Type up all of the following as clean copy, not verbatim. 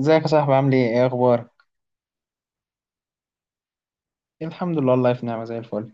ازيك يا صاحبي؟ عامل ايه؟ ايه اخبارك؟ الحمد لله والله في نعمه زي الفل.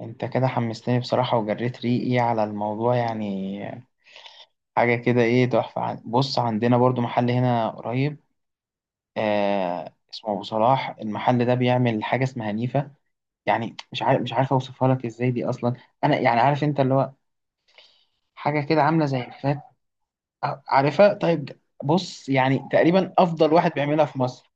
انت كده حمستني بصراحه وجريت ريقي على الموضوع يعني. حاجه كده ايه تحفه بص، عندنا برضو محل هنا قريب آه، اسمه ابو صلاح. المحل ده بيعمل حاجه اسمها نيفا. يعني مش عارف اوصفها لك ازاي دي اصلا. انا يعني عارف، انت اللي هو حاجه كده عامله زي الفات. عارفها؟ طيب بص، يعني تقريبا افضل واحد بيعملها في مصر.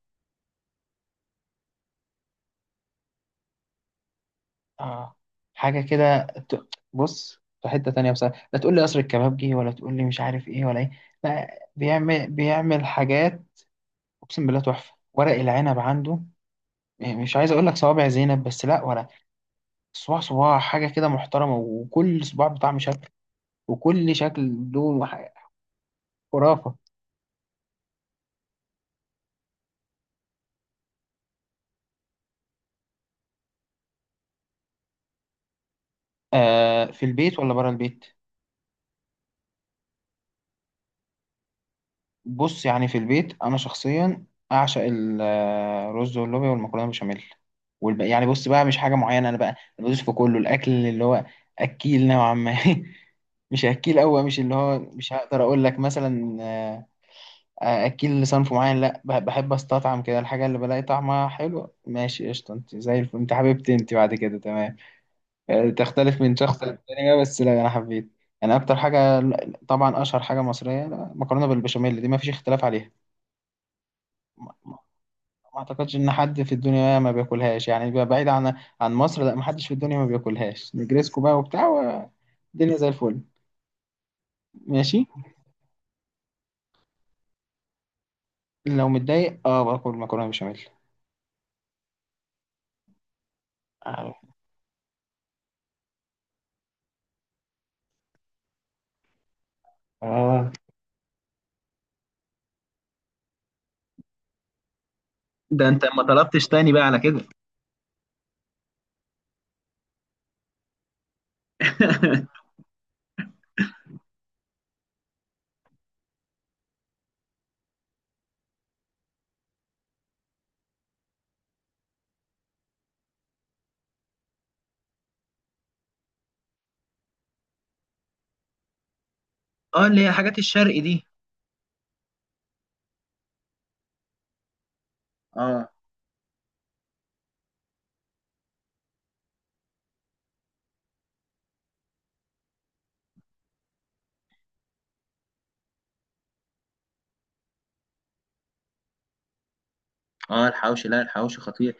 اه، حاجة كده بص، في حتة تانية بصراحة، لا تقول لي قصر الكبابجي ولا تقول لي مش عارف ايه ولا ايه. لا، بيعمل حاجات، اقسم بالله تحفة. ورق العنب عنده، يعني مش عايز اقول لك صوابع زينب، بس لا، ولا صباع صباع، حاجة كده محترمة، وكل صباع بطعم شكل، وكل شكل له خرافة. آه، في البيت ولا بره البيت؟ بص يعني في البيت انا شخصيا اعشق الرز واللوبيا والمكرونه بشاميل يعني بص بقى، مش حاجه معينه انا بقى، أنا بدوس في كله، الاكل اللي هو اكيل نوعا ما. مش اكيل قوي، مش اللي هو مش هقدر اقول لك مثلا اكيل لصنف معين، لا، بحب استطعم كده الحاجه اللي بلاقي طعمها حلو. ماشي قشطه، انت زي الفل، انت حبيبتي، انت بعد كده تمام. آه، تختلف من شخص للتاني بقى، بس لا انا حبيت. انا اكتر حاجه، طبعا اشهر حاجه مصريه، مكرونه بالبشاميل، دي ما فيش اختلاف عليها. ما اعتقدش ان حد في الدنيا ما بياكلهاش، يعني بقى بعيد عن عن مصر، لا ما حدش في الدنيا ما بياكلهاش. نجريسكو بقى وبتاع، والدنيا زي الفل، ماشي. لو متضايق اه باكل مكرونه بشاميل. آه. اه، ده انت ما طلبتش تاني بقى على كده. اه، اللي هي حاجات الشرق دي. اه اه، الحوشي، لا الحوشي خطير.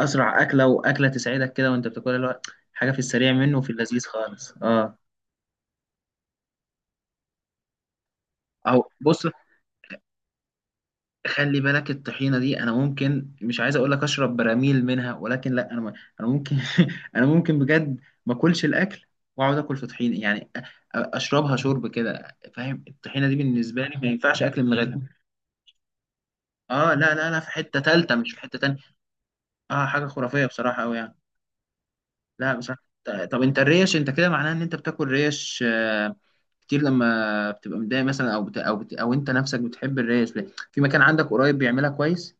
اسرع اكله، واكله تسعدك كده وانت بتاكلها، اللي هو حاجه في السريع منه وفي اللذيذ خالص، اه. اهو بص، خلي بالك الطحينه دي انا ممكن، مش عايز اقول لك اشرب براميل منها، ولكن لا انا انا ممكن، انا ممكن بجد ما اكلش الاكل واقعد اكل في طحينه، يعني اشربها شرب كده، فاهم؟ الطحينه دي بالنسبه لي ما ينفعش اكل من غيرها. اه لا، في حته تالته مش في حته تانيه. اه، حاجه خرافيه بصراحه قوي يعني. لا بصراحه، طب انت الريش، انت كده معناها ان انت بتاكل ريش آه، كتير، لما بتبقى متضايق مثلا او انت نفسك بتحب الريش ليه؟ في مكان عندك قريب بيعملها كويس؟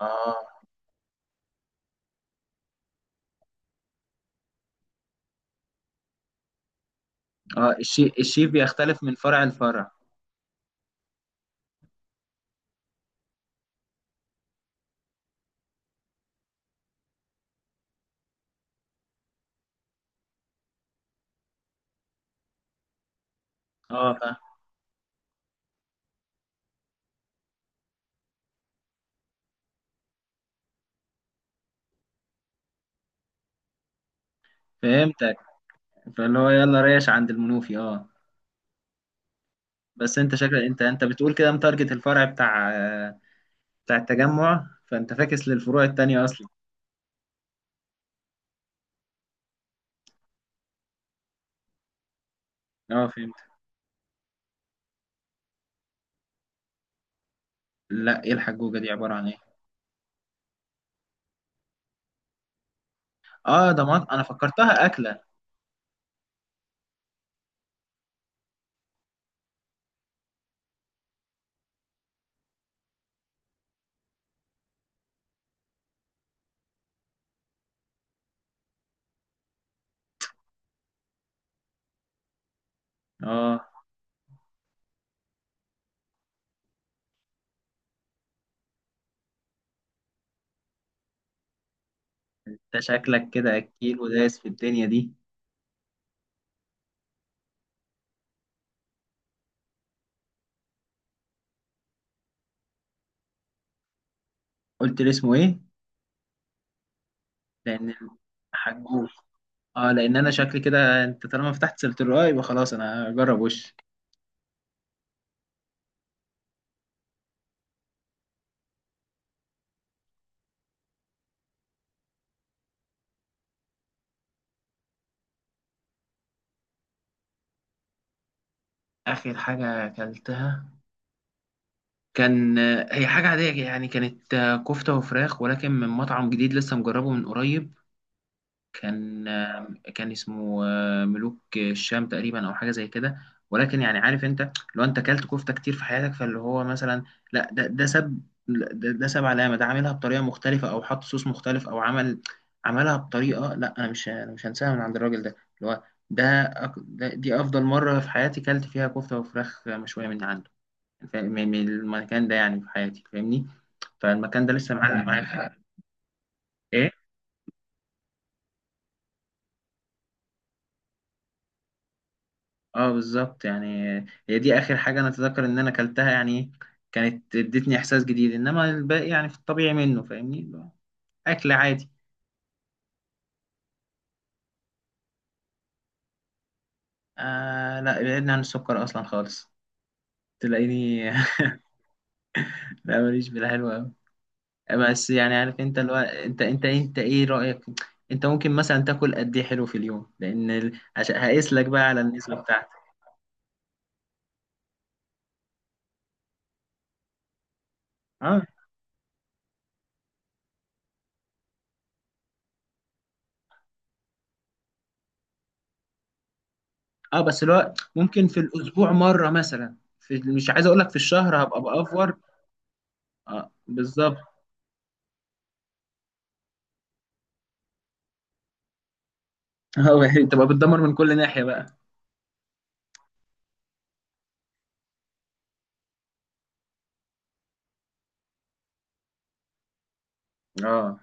اه اه، الشيء بيختلف من فرع لفرع. اه، فهمتك، فاللي هو يلا ريش عند المنوفي اه. بس انت شكلك، انت بتقول كده متارجت الفرع بتاع آه، بتاع التجمع، فانت فاكس للفروع التانية اصلا. اه فهمت. لا، ايه الحجوجة دي؟ عبارة عن ايه؟ اه، انا فكرتها اكلة. اه، انت شكلك كده اكيل ودايس في الدنيا دي. قلت لي اسمه ايه؟ لان حجوج، اه لان انا شكلي كده، انت طالما فتحت سيرة الرقاق يبقى خلاص انا اجرب. وش اخر حاجة اكلتها؟ كان، هي حاجة عادية يعني، كانت كفتة وفراخ ولكن من مطعم جديد لسه مجربه من قريب. كان، كان اسمه ملوك الشام تقريبا أو حاجة زي كده، ولكن يعني عارف أنت لو أنت أكلت كفتة كتير في حياتك، فاللي هو مثلا لا، ده ساب، لا، ده ساب علامة. ده عاملها بطريقة مختلفة أو حط صوص مختلف أو عمل، عملها بطريقة، لا أنا مش هنساها من عند الراجل ده اللي هو، ده دي أفضل مرة في حياتي كلت فيها كفتة وفراخ مشوية من عنده. من من المكان ده يعني في حياتي فاهمني، فالمكان ده لسه معلق معايا ايه. اه بالظبط يعني، هي دي اخر حاجه انا اتذكر ان انا اكلتها يعني، كانت ادتني احساس جديد، انما الباقي يعني في الطبيعي منه فاهمني، اكل عادي. آه لا، بعدنا عن السكر اصلا خالص، تلاقيني لا ماليش في الحلو قوي. بس يعني عارف انت اللي هو، انت ايه رايك؟ انت ممكن مثلا تاكل قد ايه حلو في اليوم؟ لان عشان هقيس لك بقى على النسبه بتاعتك. اه اه، بس الوقت ممكن في الاسبوع مره مثلا، في مش عايز اقول لك في الشهر هبقى بافور. اه بالظبط. اه، يعني تبقى بتدمر من كل ناحيه بقى. اه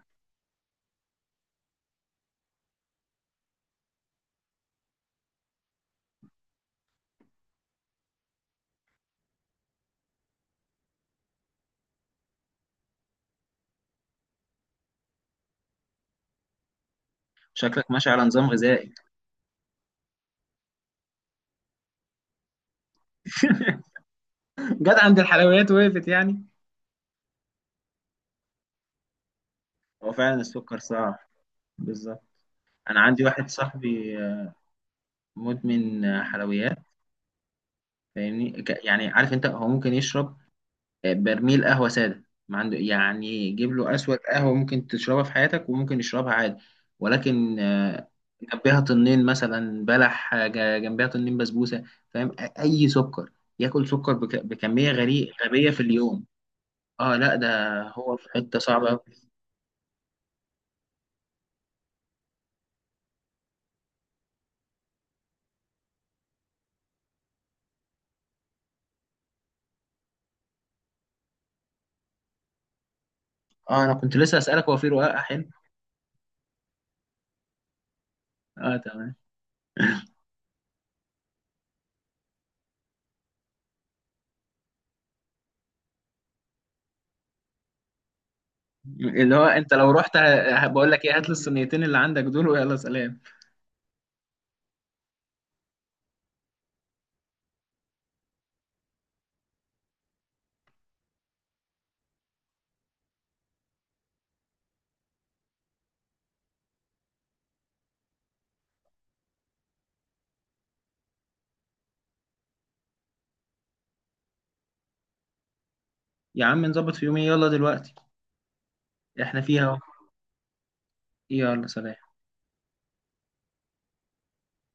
شكلك ماشي على نظام غذائي. جت عند الحلويات وقفت يعني. هو فعلا السكر صعب، بالظبط. انا عندي واحد صاحبي آه، مدمن حلويات، فاهمني؟ يعني عارف انت هو ممكن يشرب برميل قهوة سادة ما عنده يعني، جيب له أسود قهوة ممكن تشربها في حياتك، وممكن يشربها عادي، ولكن آه، جنبها طنين مثلا بلح، آه، جنبها طنين بسبوسة، فاهم؟ أي سكر، ياكل سكر بكمية غريبة غبية في اليوم. اه لا، ده هو في حتة صعبة أوي. اه أنا كنت لسه أسألك، هو في رقاق حلو؟ اه تمام. اللي هو أنت لو رحت بقول لك إيه، هات لي الصينيتين اللي عندك دول ويلا سلام. يا عم نظبط في يومين، يلا دلوقتي إحنا فيها أهو. يلا سلام.